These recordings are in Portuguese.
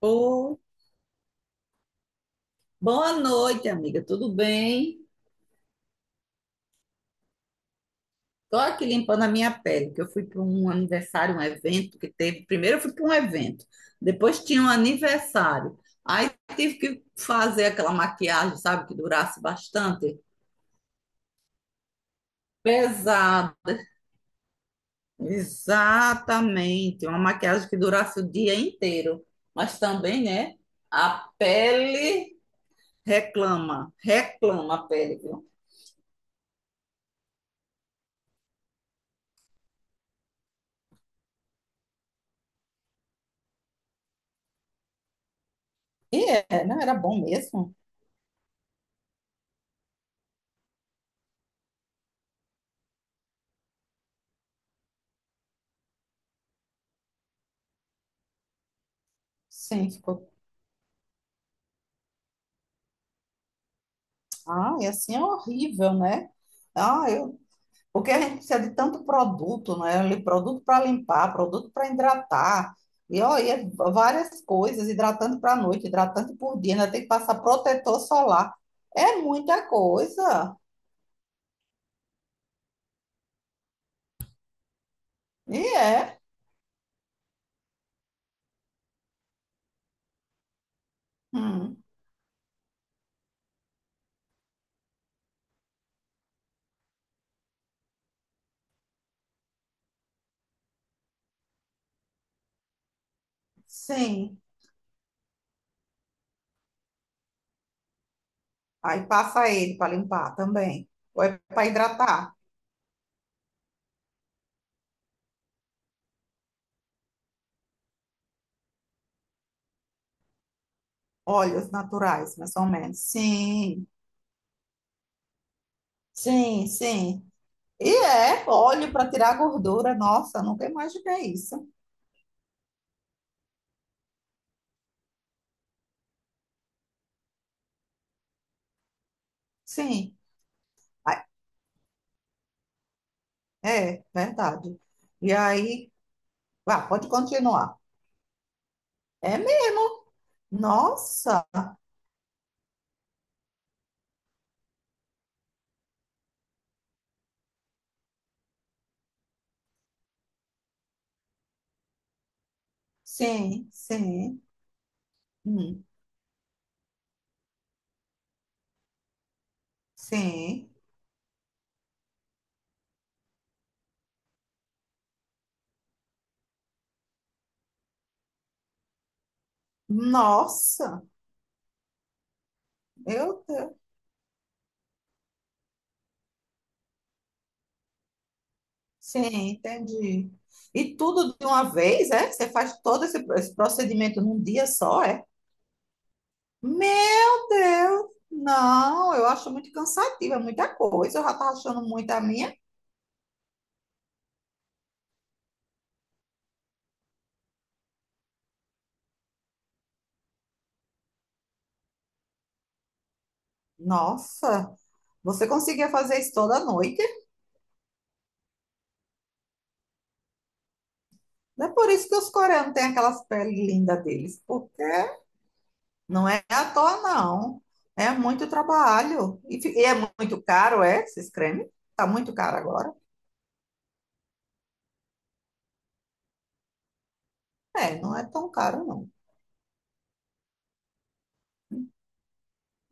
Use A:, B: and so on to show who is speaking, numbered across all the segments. A: Ô, boa noite, amiga. Tudo bem? Tô aqui limpando a minha pele, que eu fui para um aniversário, um evento que teve. Primeiro eu fui para um evento, depois tinha um aniversário. Aí tive que fazer aquela maquiagem, sabe, que durasse bastante. Pesada. Exatamente. Uma maquiagem que durasse o dia inteiro. Mas também, né, a pele reclama, reclama a pele, viu? E é, não era bom mesmo? Sim, ficou. Ah, e assim é horrível, né? Ah, eu... Porque a gente precisa de tanto produto, né? Ali, produto para limpar, produto para hidratar. E olha, várias coisas, hidratante para noite, hidratante por dia, ainda tem que passar protetor solar. É muita coisa. E é. Hum, sim. Aí passa ele para limpar também. Ou é para hidratar. Óleos naturais, mais ou menos. Sim, sim, sim. E é óleo para tirar a gordura. Nossa, nunca imaginei isso. Sim. Ah, é verdade. E aí, vá, pode continuar. É mesmo. Nossa, sim, sim, hum, sim. Nossa, meu Deus. Sim, entendi. E tudo de uma vez, é? Você faz todo esse procedimento num dia só, é? Meu Deus, não, eu acho muito cansativo, é muita coisa. Eu já estava achando muito a minha. Nossa, você conseguia fazer isso toda noite? Não é por isso que os coreanos têm aquelas peles lindas deles, porque não é à toa, não. É muito trabalho. E é muito caro, é? Esses cremes? Tá muito caro agora? É, não é tão caro, não.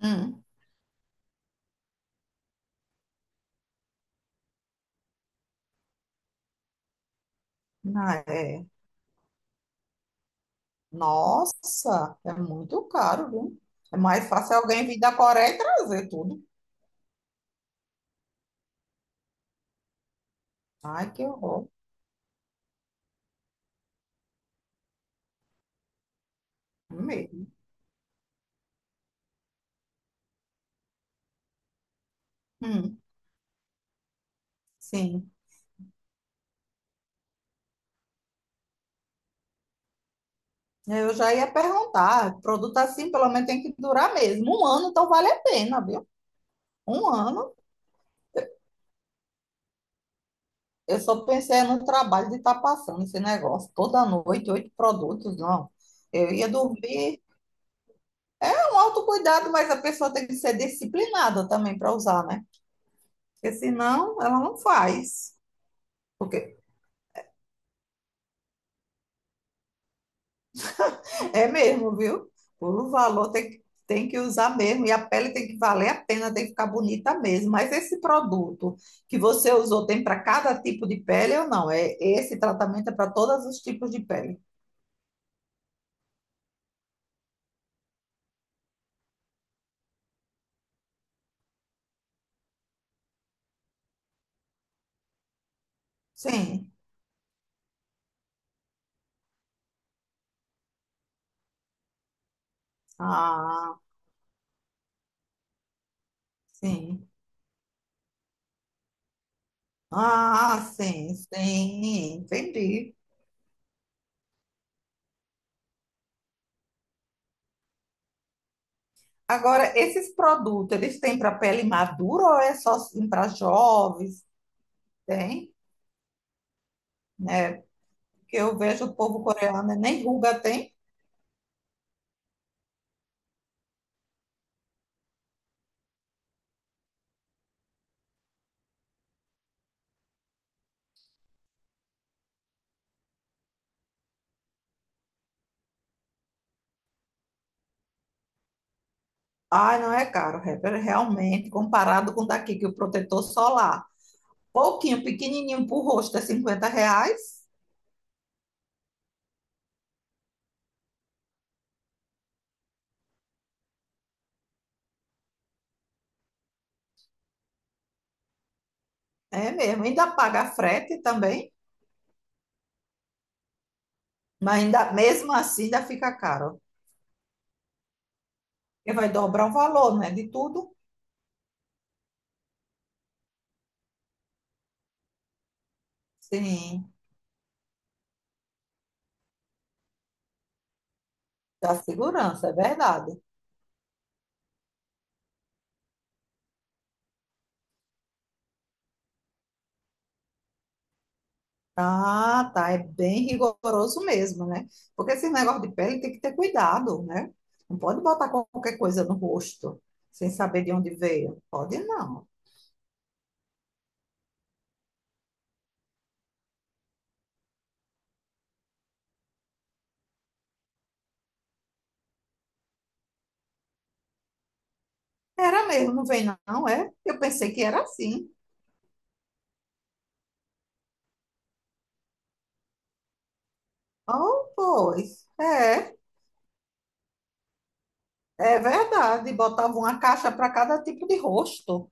A: Hum. Ah, é. Nossa, é muito caro, viu? É mais fácil alguém vir da Coreia e trazer tudo. Ai, que horror. Mesmo. Hum, sim. Eu já ia perguntar, produto assim pelo menos tem que durar mesmo. Um ano, então vale a pena, viu? Um ano, eu só pensei no trabalho de estar passando esse negócio toda noite, 8 produtos, não. Eu ia dormir com um autocuidado, mas a pessoa tem que ser disciplinada também para usar, né? Porque senão ela não faz. Porque é mesmo, viu? O valor tem que usar mesmo, e a pele tem que valer a pena, tem que ficar bonita mesmo. Mas esse produto que você usou tem para cada tipo de pele ou não? É, esse tratamento é para todos os tipos de pele? Sim. Ah, sim. Ah, sim, sim, entendi. Agora, esses produtos, eles têm para pele madura ou é só para jovens? Tem, né? Porque eu vejo o povo coreano, né, nem ruga tem. Ai, não é caro, Heber, realmente, comparado com daqui, que o protetor solar, pouquinho, pequenininho para o rosto, é R$ 50, é mesmo, ainda paga frete também, mas ainda, mesmo assim ainda fica caro, porque vai dobrar o valor, né, de tudo. Sim, da segurança, é verdade. Ah, tá, é bem rigoroso mesmo, né, porque esse negócio de pele tem que ter cuidado, né, não pode botar qualquer coisa no rosto, sem saber de onde veio, pode não. Era mesmo, não vem não, é? Eu pensei que era assim. Oh, pois, é, é verdade. Botava uma caixa para cada tipo de rosto.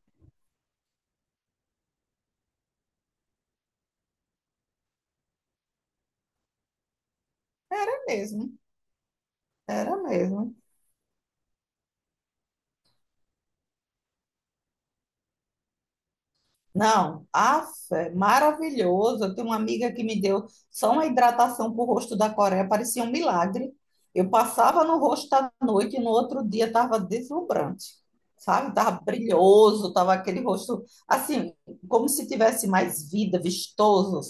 A: Era mesmo, era mesmo. Não, af, é maravilhoso. Eu tenho uma amiga que me deu só uma hidratação para o rosto da Coreia, parecia um milagre. Eu passava no rosto à noite e no outro dia estava deslumbrante, sabe? Estava brilhoso, estava aquele rosto assim, como se tivesse mais vida, vistoso,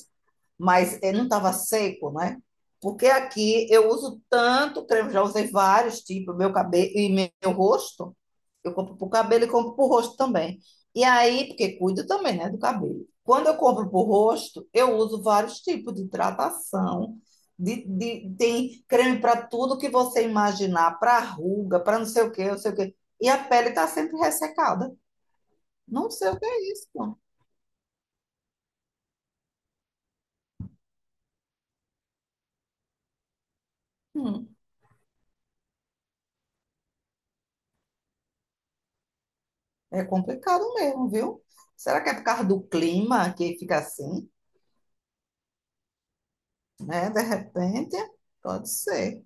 A: mas ele não estava seco, né? Porque aqui eu uso tanto creme, já usei vários tipos, meu cabelo e meu rosto. Eu compro para o cabelo e compro para o rosto também. E aí, porque cuido também, né, do cabelo. Quando eu compro para o rosto, eu uso vários tipos de hidratação. Tem creme para tudo que você imaginar, para ruga, para não sei o quê, não sei o quê. E a pele está sempre ressecada. Não sei o que é isso. Hum. É complicado mesmo, viu? Será que é por causa do clima que fica assim, né? De repente, pode ser.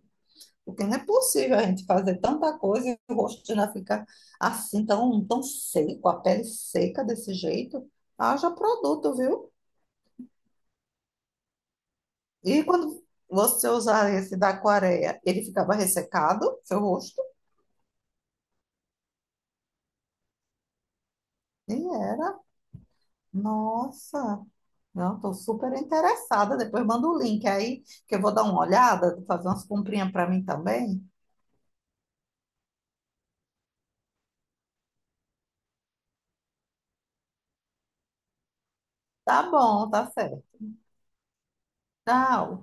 A: Porque não é possível a gente fazer tanta coisa e o rosto já fica assim, tão, tão seco, a pele seca desse jeito. Haja produto, viu? E quando você usar esse da aquareia, ele ficava ressecado, seu rosto? E era. Nossa! Não, estou super interessada. Depois manda o link aí, que eu vou dar uma olhada, fazer umas comprinhas para mim também. Tá bom, tá certo. Tchau.